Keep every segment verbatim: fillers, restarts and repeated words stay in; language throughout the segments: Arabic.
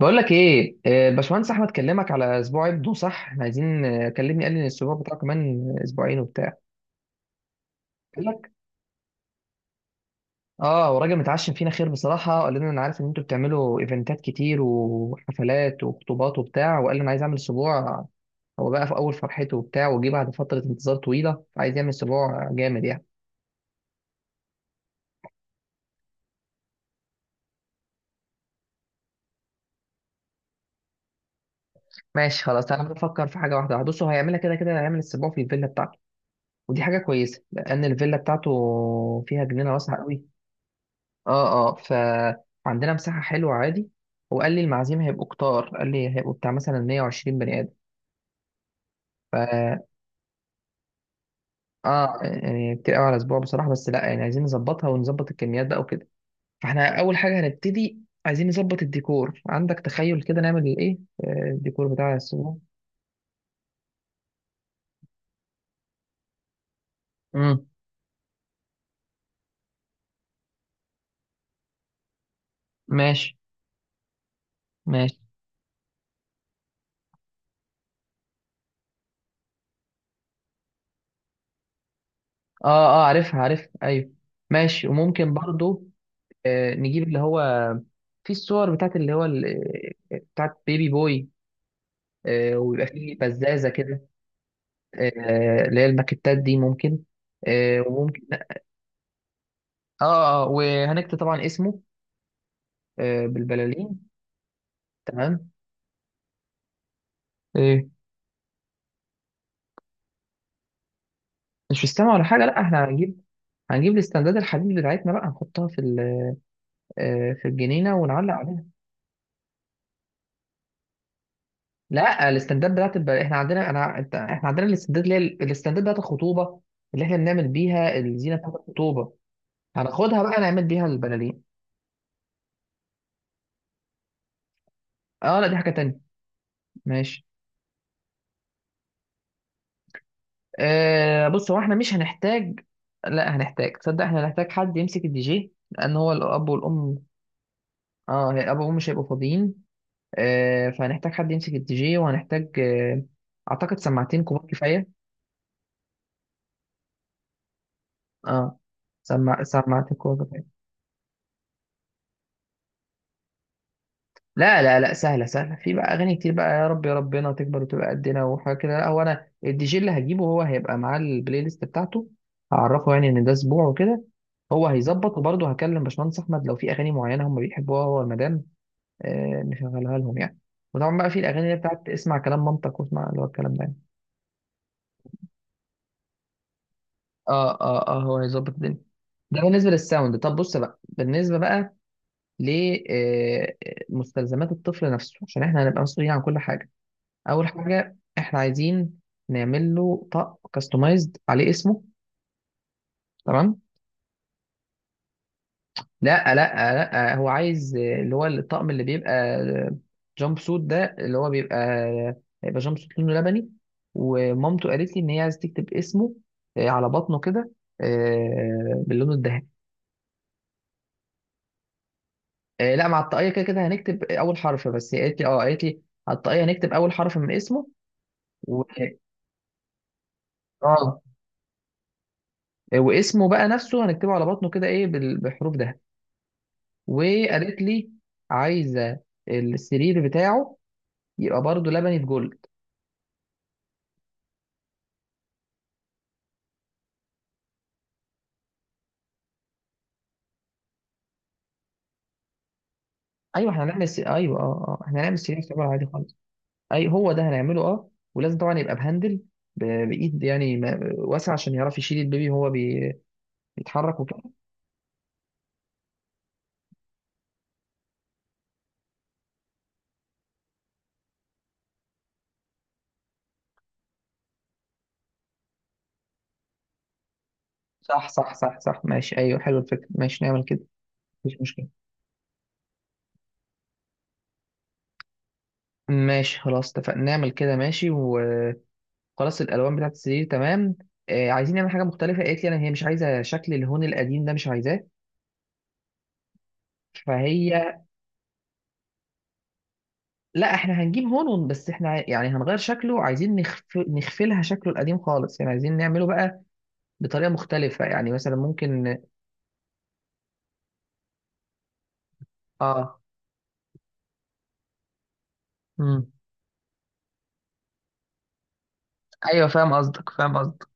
بقول لك ايه؟ آه، الباشمهندس احمد كلمك على اسبوع ابنه، صح؟ احنا عايزين. آه، كلمني قال لي ان الاسبوع بتاعه كمان اسبوعين وبتاع. قال لك. اه وراجل متعشم فينا خير بصراحه، قال لنا انا عارف ان انتوا بتعملوا ايفنتات كتير وحفلات وخطوبات وبتاع، وقال لي انا عايز اعمل اسبوع. هو بقى في اول فرحته وبتاع، وجه بعد فتره انتظار طويله، عايز يعمل اسبوع جامد يعني. ماشي خلاص، تعالى بفكر في حاجه واحده. بص هو هيعملها كده كده، هيعمل اسبوع في الفيلا بتاعته. ودي حاجه كويسه لان الفيلا بتاعته فيها جنينه واسعه قوي. اه، اه، فعندنا مساحة حلوة عادي. هو قال لي المعازيم هيبقوا كتار، قال لي هيبقوا بتاع مثلا مية وعشرين بني آدم. ف اه يعني كتير قوي على اسبوع بصراحة. بس لا يعني عايزين نظبطها ونظبط الكميات بقى وكده. فاحنا أول حاجة هنبتدي. عايزين نظبط الديكور. عندك تخيل كده نعمل ايه؟ آه، الديكور بتاع الاسبوع. امم ماشي، ماشي. اه، اه، عارفها عارفها، ايوه. ماشي وممكن برضو آه نجيب اللي هو في الصور بتاعت اللي هو ال- آه، بتاعت بيبي بوي. آه، ويبقى فيه بزازة كده. آه، اللي هي الماكيتات دي ممكن. آه، وممكن. اه آه، وهنكتب طبعا اسمه. آه، بالبلالين. تمام. آه، مش فستان ولا حاجة. لا احنا هنجيب، هنجيب الاستنداد الحديد بتاعتنا بقى نحطها في ال- آه، في الجنينة ونعلق عليها. لا، الاستنداد بتاعت الب... احنا عندنا انا إنت- احنا عندنا الاستنداد اللي هي ال- الاستنداد بتاعت الخطوبة. اللي احنا بنعمل بيها الزينة بتاعت الخطوبة. هناخدها بقى نعمل بيها البلالين. اه، لا دي حاجة تانية. ماشي. آه بص، هو احنا مش هنحتاج، لا هنحتاج، تصدق احنا هنحتاج حد يمسك الدي جي لان هو الاب والام. اه، هي- الاب والام مش هيبقوا فاضيين. آه فهنحتاج حد يمسك الدي جي وهنحتاج آه اعتقد سماعتين كبار كفايه. اه، سماع سماعتين كبار كفايه. لا، لا، لا، سهله سهله، في بقى اغاني كتير بقى، يا رب يا ربنا تكبر وتبقى قدنا وحاجه كده. لا هو انا الدي جي اللي هجيبه هو هيبقى معاه البلاي ليست بتاعته. هعرفه يعني ان ده اسبوع وكده. هو هيظبط وبرضه هكلم باشمهندس احمد لو في اغاني معينه هم بيحبوها هو المدام. آه، نشغلها لهم يعني. وطبعا بقى في الاغاني اللي بتاعت اسمع كلام مامتك واسمع اللي هو الكلام ده يعني. اه، اه، اه، هو هيظبط الدنيا. ده بالنسبه للساوند. طب بص بقى، بالنسبه بقى لمستلزمات الطفل نفسه عشان احنا هنبقى مسؤولين عن كل حاجه. اول حاجه احنا عايزين نعمل له طق كاستمايزد عليه اسمه. تمام. لا آه، لا آه، لا آه، هو عايز آه، اللي هو الطقم اللي بيبقى جامب سوت ده اللي هو بيبقى. هيبقى جامب سوت لونه لبني. ومامته قالت لي ان هي عايز تكتب اسمه آه، على بطنه كده، آه، باللون الذهبي. آه، لا، مع الطاقية كده كده هنكتب اول حرف. بس هي قالت لي، اه قالت لي على الطاقية هنكتب اول حرف من اسمه. و... اه آه، واسمه بقى نفسه هنكتبه على بطنه كده، ايه، بال- بحروف ده. وقالت لي عايزة السرير بتاعه يبقى برضه لبني في جل. ايوه احنا هنعمل سي... ايوه، اه، اه، احنا هنعمل سيرين اختبار عادي خالص. اي، هو ده هنعمله، اه. ولازم طبعا يبقى بهندل، ب... بايد يعني ما... واسعه عشان يعرف يشيل البيبي وهو بي... بيتحرك وكده. صح، صح، صح، صح، ماشي، ايوه حلو الفكره، ماشي نعمل كده. مفيش مشكله. ماشي خلاص، اتفقنا نعمل كده ماشي وخلاص. الالوان بتاعت السرير، تمام. آه عايزين نعمل حاجه مختلفه. قالت لي انا، هي مش عايزه شكل الهون القديم ده، مش عايزاه. فهي لا احنا هنجيب هون بس احنا يعني هنغير شكله. عايزين نخف... نخفلها شكله القديم خالص يعني، عايزين نعمله بقى بطريقة مختلفة يعني، مثلا ممكن. اه، امم ايوه فاهم قصدك، فاهم قصدك.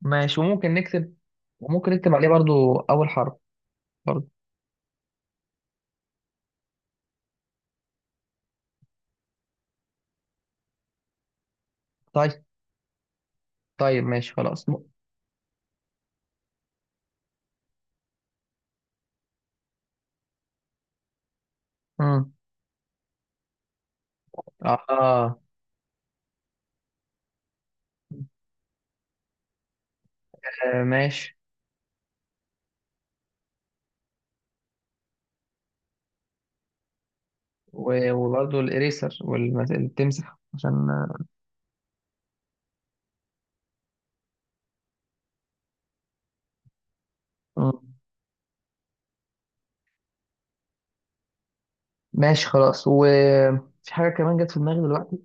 ماشي، وممكن نكتب وممكن نكتب عليه برضو اول حرف، برضو. طيب، طيب، ماشي خلاص. امم اه آه، ماشي. و- وبرضو الاريسر والتمسح عشان. مم. ماشي خلاص، وفي حاجة كمان جت في دماغي دلوقتي.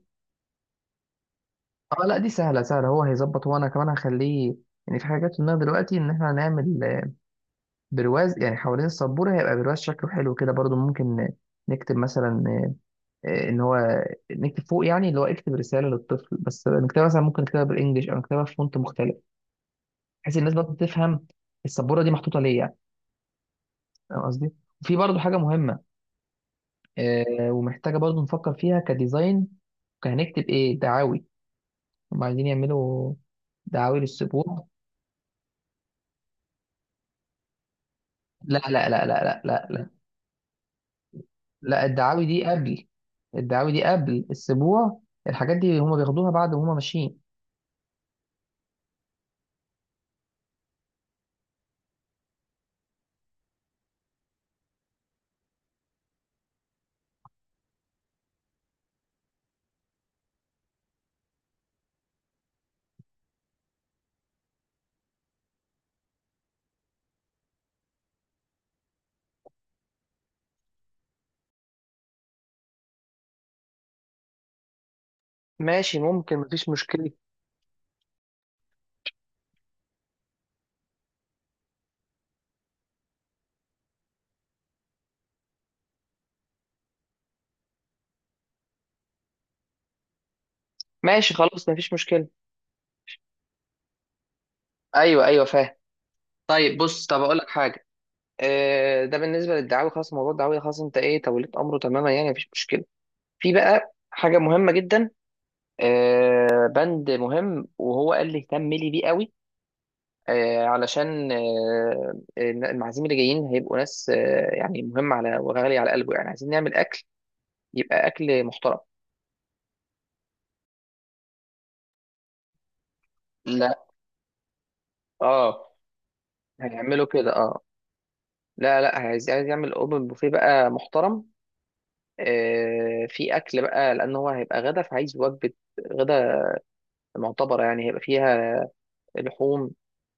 اه، لا دي سهلة سهلة، هو هيظبط وانا كمان هخليه. يعني في حاجة جت في دماغي دلوقتي ان احنا هنعمل برواز يعني حوالين السبورة، هيبقى برواز شكله حلو كده، برضو ممكن ن- نكتب مثلا آه، آه، ان هو نكتب فوق، يعني اللي هو اكتب رسالة للطفل، بس نكتبها مثلا ممكن نكتبها بالانجلش او نكتبها في فونت مختلف. بحيث الناس برضه تفهم السبورة دي محطوطة ليه يعني. فاهم قصدي؟ وفي برضه حاجة مهمة، آه، ومحتاجة برضه نفكر فيها كديزاين. هنكتب ايه دعاوي هم عايزين يعملوا؟ دعاوي للسبورة. لا، لا، لا، لا، لا، لا، لا، الدعاوي دي قبل الدعاوي دي قبل السبوع. الحاجات دي هما بياخدوها بعد وهما ماشيين. ماشي ممكن، مفيش مشكلة. ماشي خلاص، مفيش مشكلة. أيوه، أيوه، فاهم. طيب بص، طب أقول لك حاجة. آه ده بالنسبة للدعاوي، خلاص موضوع الدعاوي خلاص، أنت إيه توليت أمره تماما يعني مفيش مشكلة. في بقى حاجة مهمة جدا، آه بند مهم، وهو قال لي اهتم لي بيه قوي. آه علشان آه المعازيم اللي جايين هيبقوا ناس، آه يعني مهمة على وغالية على قلبه يعني، عايزين نعمل أكل. يبقى اكل محترم. لا، اه، هيعملوا كده، اه. لا، لا، عايز عايز يعمل اوبن بوفيه بقى محترم. آه في اكل بقى، لان هو هيبقى غدا فعايز وجبه غدا معتبره يعني، هيبقى فيها لحوم.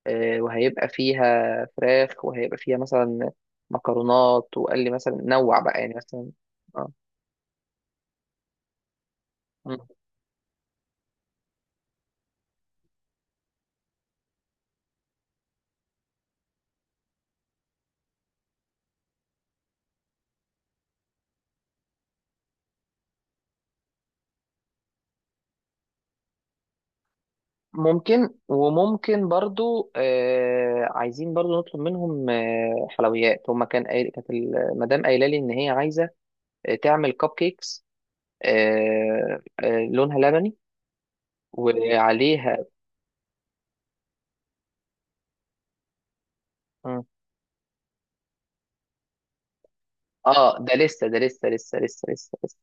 آه وهيبقى فيها فراخ، وهيبقى فيها مثلا مكرونات. وقال لي مثلا نوع بقى يعني، مثلا. آه. م. ممكن. وممكن برضو آه عايزين برضو نطلب منهم آه حلويات. هما كان قايل- كانت المدام قايله لي ان هي عايزه آه، تعمل كب كيكس آه، آه، لونها لبني وعليها. مم. اه، ده لسه، ده لسه لسه لسه لسه لسه.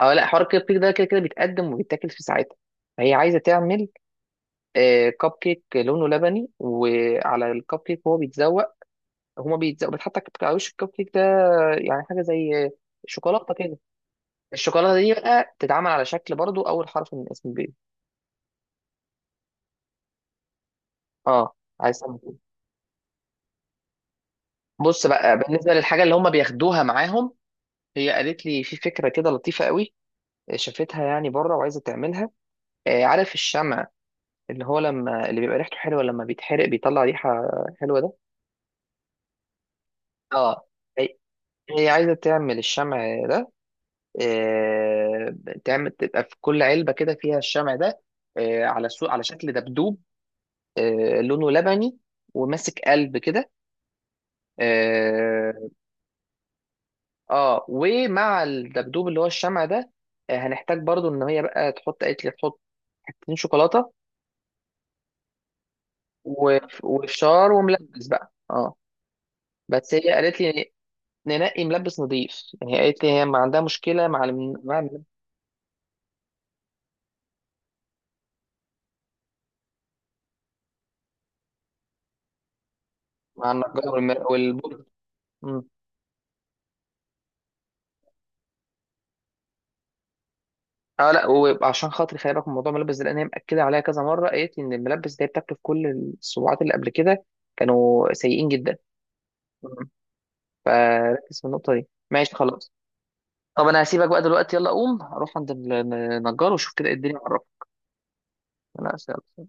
اه، لا، حوار الكب كيك ده كده كده بيتقدم وبيتاكل في ساعتها. هي عايزه تعمل آه، كب كيك لونه لبني، وعلى الكب كيك هو بيتزوق. هما بيتزوق، بتحط على وش الكب كيك ده، يعني حاجه زي شوكولاته كده. الشوكولاته دي بقى تتعمل على شكل برضو اول حرف من اسم البيبي. اه، عايز تعمل كده. بص بقى بالنسبه للحاجه اللي هم بياخدوها معاهم. هي قالت لي في فكرة كده لطيفة قوي، آه، شافتها يعني بره وعايزة تعملها. آه، عارف الشمع اللي هو لما اللي بيبقى ريحته حلوة، لما بيتحرق بيطلع ريحة حلوة ده. اه، هي هي عايزة تعمل الشمع ده. آه، تعمل تبقى في كل علبة كده فيها الشمع ده. آه، على سو... على شكل دبدوب. آه، لونه لبني وماسك قلب كده. اه آه، ومع الدبدوب اللي هو الشمع ده. آه، هنحتاج برضو ان هي بقى تحط، قالت لي تحط حتتين شوكولاتة. و- وفشار وملبس بقى، اه. بس هي قالت لي: ننقي ملبس نظيف. يعني هي قالت لي هي ما عندها مشكله مع الم... مع الم... مع النجار والم- والبرد. مم. اه، لا وعشان خاطري خلي بالك من موضوع الملبس ده لان هي مأكده عليها كذا مره. قالت لي ان الملبس ده بتاكله في كل الصباعات اللي قبل كده كانوا سيئين جدا. مم. فركز في النقطه دي، ماشي خلاص. طب انا هسيبك بقى دلوقتي. يلا قوم اروح عند النجار واشوف كده إيه الدنيا، اعرفك. انا